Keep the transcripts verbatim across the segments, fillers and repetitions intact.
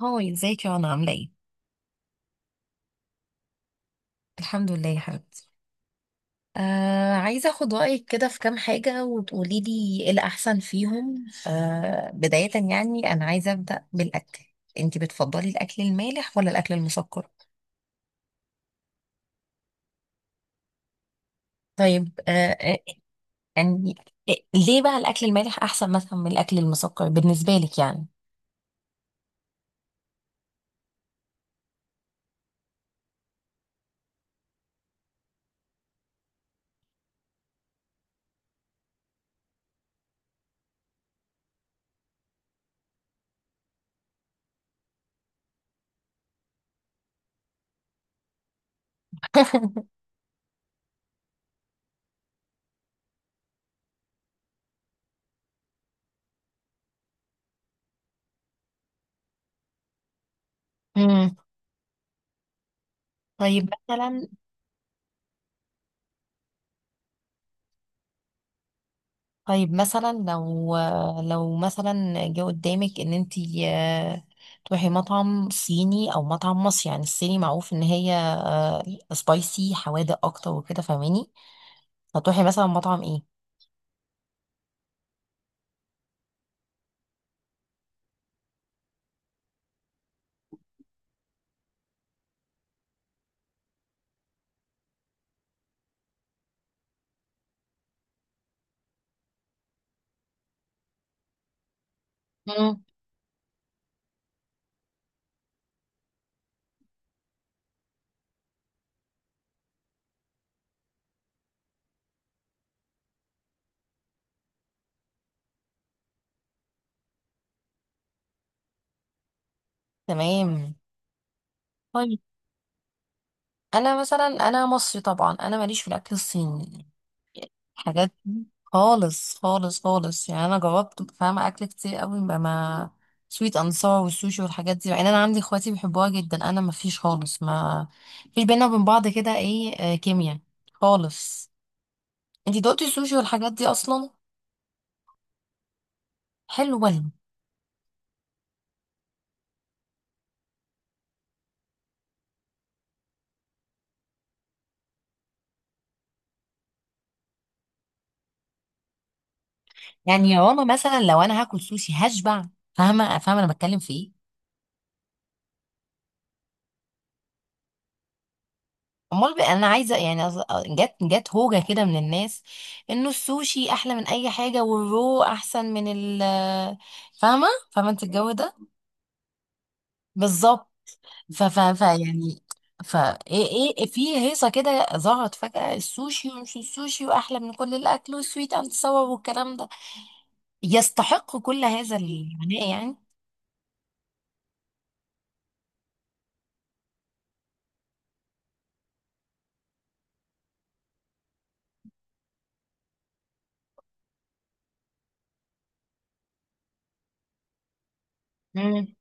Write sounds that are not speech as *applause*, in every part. هاي، ازيك يا رنا؟ عاملة ايه؟ الحمد لله يا حبيبتي. آه عايزة اخد رأيك كده في كام حاجة وتقولي لي ايه الأحسن فيهم. آه بداية يعني أنا عايزة أبدأ بالأكل. انتي بتفضلي الأكل المالح ولا الأكل المسكر؟ طيب. آه آه، يعني آه، ليه بقى الأكل المالح أحسن مثلا من الأكل المسكر بالنسبة لك يعني؟ امم طيب مثلا. طيب مثلا لو لو مثلا جه قدامك ان انتي آه، تروحي مطعم صيني او مطعم مصري، يعني الصيني معروف ان هي سبايسي حوادق اكتر وكده، فاهماني؟ هتروحي مثلا مطعم ايه؟ مم. تمام. طيب انا مثلا، انا مصري طبعا، انا ماليش في الاكل الصيني، حاجات دي خالص خالص خالص. يعني انا جربت، فاهمه، اكل كتير قوي بقى، ما سويت انصار والسوشي والحاجات دي. يعني انا عندي اخواتي بيحبوها جدا، انا ما فيش خالص، ما فيش بينا وبين بعض كده ايه، آه، كيمياء خالص. انتي دقتي السوشي والحاجات دي اصلا؟ حلو ولا؟ يعني يا ماما، مثلا لو انا هاكل سوشي هشبع، فاهمه؟ فاهمه انا بتكلم في ايه؟ امال بقى انا عايزه، يعني أص- جت جت هوجه كده من الناس انه السوشي احلى من اي حاجه، والرو احسن من ال *laughs* فاهمه؟ فاهمه انت الجو ده؟ بالظبط. ف ف ف يعني ف ايه. ايه إيه، في هيصه كده ظهرت فجاه السوشي، ومش السوشي واحلى من كل الاكل، والسويت اند ساور والكلام ده يستحق كل هذا العناء يعني. امم،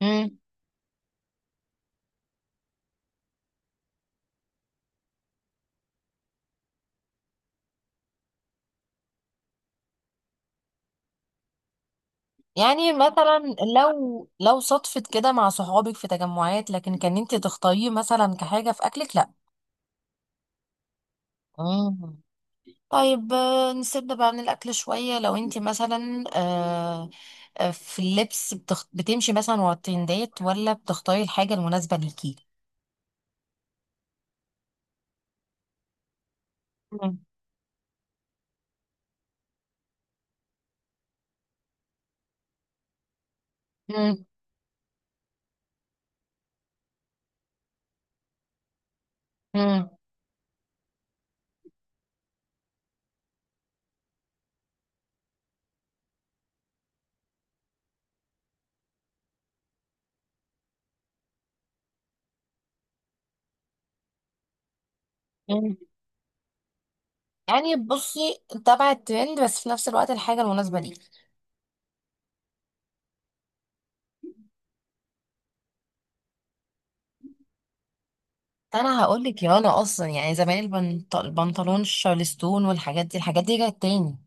امم. يعني مثلا لو لو صدفت كده مع صحابك في تجمعات، لكن كان انت تختاريه مثلا كحاجه في اكلك لا؟ مم. طيب، آه، نسيبنا بقى من الأكل شوية. لو انت مثلا آه، آه، في اللبس، بتخ... بتمشي مثلا ورا الترندات ولا بتختاري الحاجة المناسبة ليكي؟ مم. مم. مم. مم. يعني بصي، تبع الترند بس في نفس الوقت الحاجة المناسبة ليكي. انا هقول لك، يا انا اصلا يعني زمان، البنط... البنطلون الشارلستون والحاجات دي، الحاجات دي جت تاني.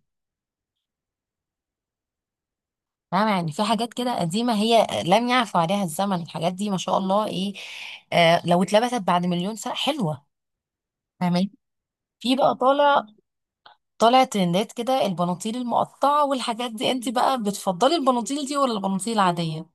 فاهمة؟ يعني في حاجات كده قديمة هي لم يعفو عليها الزمن، الحاجات دي ما شاء الله ايه، آه لو اتلبست بعد مليون سنة حلوة. فاهمين؟ في بقى طالع، طالع ترندات كده البناطيل المقطعة والحاجات دي، انت بقى بتفضلي البناطيل دي ولا البناطيل العادية؟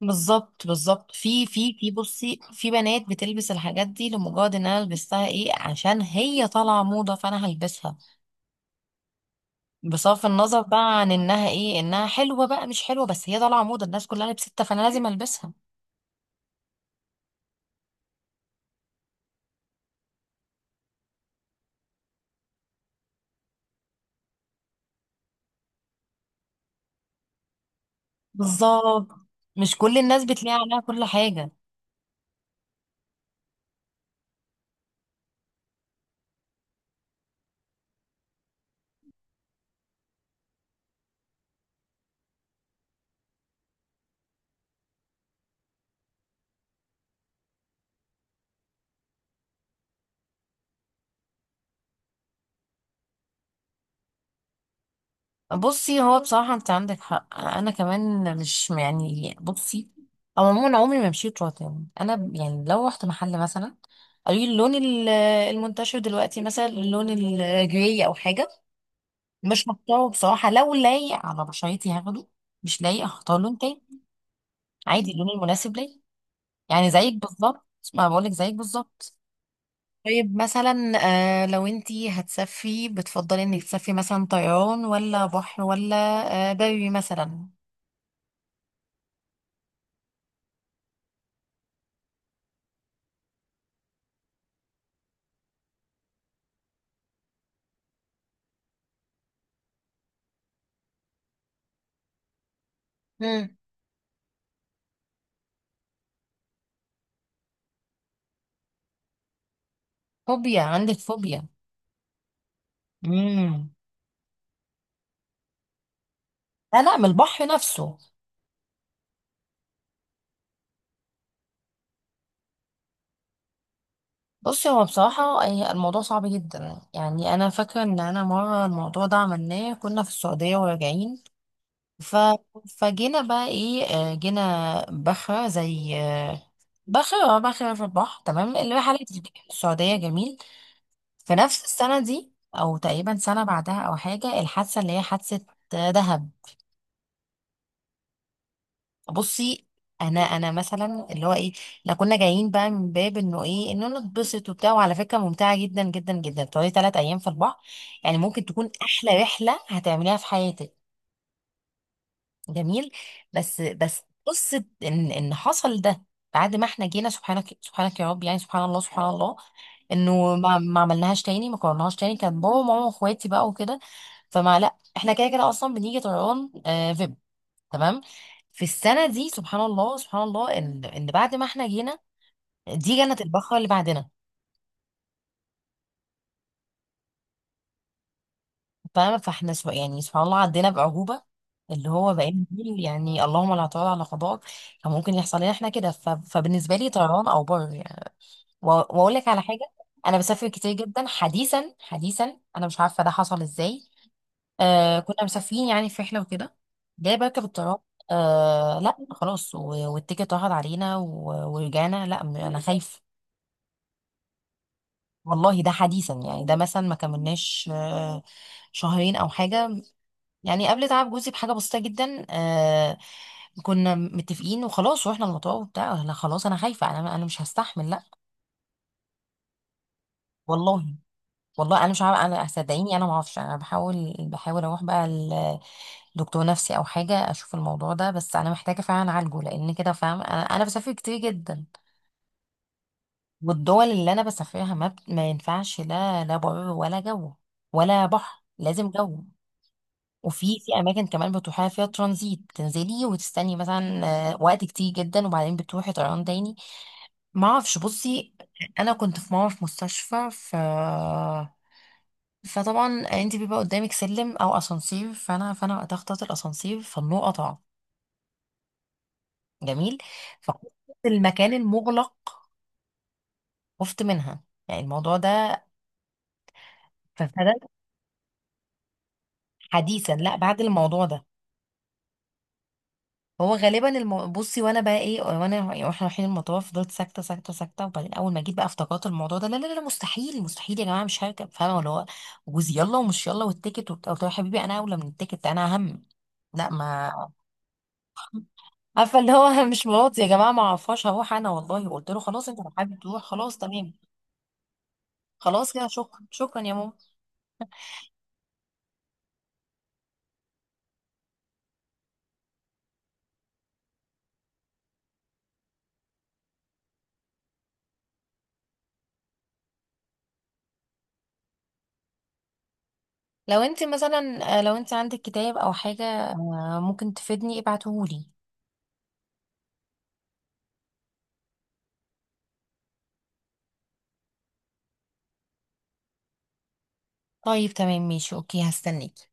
بالظبط بالظبط. في في في بصي، في بنات بتلبس الحاجات دي لمجرد ان انا لبستها ايه، عشان هي طالعة موضة فانا هلبسها، بصرف النظر بقى عن انها ايه، انها حلوة بقى مش حلوة، بس هي طالعة موضة الناس كلها لبستها فانا لازم البسها. بالظبط، مش كل الناس بتلاقي عليها كل حاجة. بصي هو بصراحة، انت عندك حق، انا كمان مش يعني، بصي، او عموما عمري ما مشيت روتين. انا ب- يعني لو رحت محل مثلا، قالوا لي اللون ال- المنتشر دلوقتي مثلا اللون الجراي او حاجة، مش مختاره بصراحة. لو لايق على بشرتي هاخده، مش لايق هختار لون تاني، عادي، اللون المناسب ليا. يعني زيك بالظبط. ما بقولك زيك بالظبط. طيب مثلا، آه لو انتي هتسافري بتفضلي انك تسافري مثلا طيران ولا بحر ولا آه بري مثلا؟ مم. فوبيا، عندك فوبيا؟ امم. لا لا، من البحر نفسه. بصي هو بصراحة، أي- الموضوع صعب جدا. يعني أنا فاكرة إن أنا مرة الموضوع ده عملناه، كنا في السعودية وراجعين، ف... فجينا بقى إيه، آه، جينا بخرة زي آه، بخرة آه، بخرة في البحر، تمام، اللي رحلت السعودية. جميل. في نفس السنة دي أو تقريبا سنة بعدها أو حاجة، الحادثة اللي هي حادثة آه، دهب. بصي، انا انا مثلا اللي هو ايه، لو كنا جايين بقى من باب انه ايه، انه نتبسط وبتاع، وعلى فكره ممتعه جدا جدا جدا تقعدي ثلاث ايام في البحر، يعني ممكن تكون احلى رحله هتعمليها في حياتك. جميل. بس بس قصه ان ان حصل ده بعد ما احنا جينا، سبحانك سبحانك يا رب، يعني سبحان الله سبحان الله، انه ما ما عملناهاش تاني، ما كررناهاش تاني. كان بابا وماما واخواتي بقى وكده. فما لا، احنا كده كده اصلا بنيجي طيران. تمام. في السنه دي سبحان الله سبحان الله ان ان بعد ما احنا جينا، دي جنه البقاء اللي بعدنا. تمام. فاحنا سو، يعني سبحان الله، عدينا بعجوبه، اللي هو بقينا نقول يعني اللهم لا تعود على قضاءك. كان ممكن يحصل لنا احنا كده. ف... فبالنسبه لي طيران او بر يعني. و- واقول لك على حاجه، انا بسافر كتير جدا حديثا حديثا، انا مش عارفه ده حصل ازاي. آه كنا مسافرين يعني في رحله وكده، جاي بركب الطيران، آه لا خلاص، و- والتيكت اتاخد علينا، و- ورجعنا. لا، م- انا خايفه. والله، ده حديثا يعني، ده مثلا ما كملناش آه، شهرين او حاجه، يعني قبل تعب جوزي بحاجه بسيطه جدا. آه، كنا متفقين وخلاص، رحنا المطار وبتاع، انا خلاص، انا خايفه، انا انا مش هستحمل، لا والله. والله انا مش عارفه، انا صدقيني انا ما اعرفش. انا بحاول بحاول اروح بقى لدكتور نفسي او حاجه اشوف الموضوع ده، بس انا محتاجه فعلا اعالجه لان كده، فاهم، انا انا بسافر كتير جدا. والدول اللي انا بسافرها ما، بت- ما ينفعش، لا لا بر ولا جو، ولا بحر، لازم جو. وفي في اماكن كمان بتروحيها فيها ترانزيت، تنزلي وتستني مثلا آه، وقت كتير جدا، وبعدين بتروحي طيران تاني. ما اعرفش، بصي، انا كنت في مره في مستشفى، ف فطبعا انت بيبقى قدامك سلم او اسانسير، فانا فانا وقتها اخترت الاسانسير، فالنور قطع. جميل. فخفت، المكان المغلق، خفت منها يعني الموضوع ده، ففضلت. حديثا، لا، بعد الموضوع ده. هو غالبا الم... بصي، وانا بقى ايه، وانا يعني واحنا رايحين المطار فضلت ساكته ساكته ساكته، وبعدين اول ما جيت بقى افتكرت الموضوع ده. لا لا لا، مستحيل مستحيل، يا جماعه مش هركب، فاهمه؟ ولا هو جوزي، يلا ومش يلا والتيكت وبتاع، قلت له يا حبيبي، انا اولى من التيكت، انا اهم. لا، ما عارفه اللي هو *laughs* مش مراتي يا جماعه، ما اعرفهاش، هروح انا، والله، قلت له خلاص، انت لو حابب تروح خلاص، تمام. خلاص كده، شكرا شكرا يا ماما. لو انت مثلا آه، لو انت عندك كتاب او حاجه آه، ممكن تفيدني ابعتهولي. طيب تمام، ماشي، اوكي، هستناك.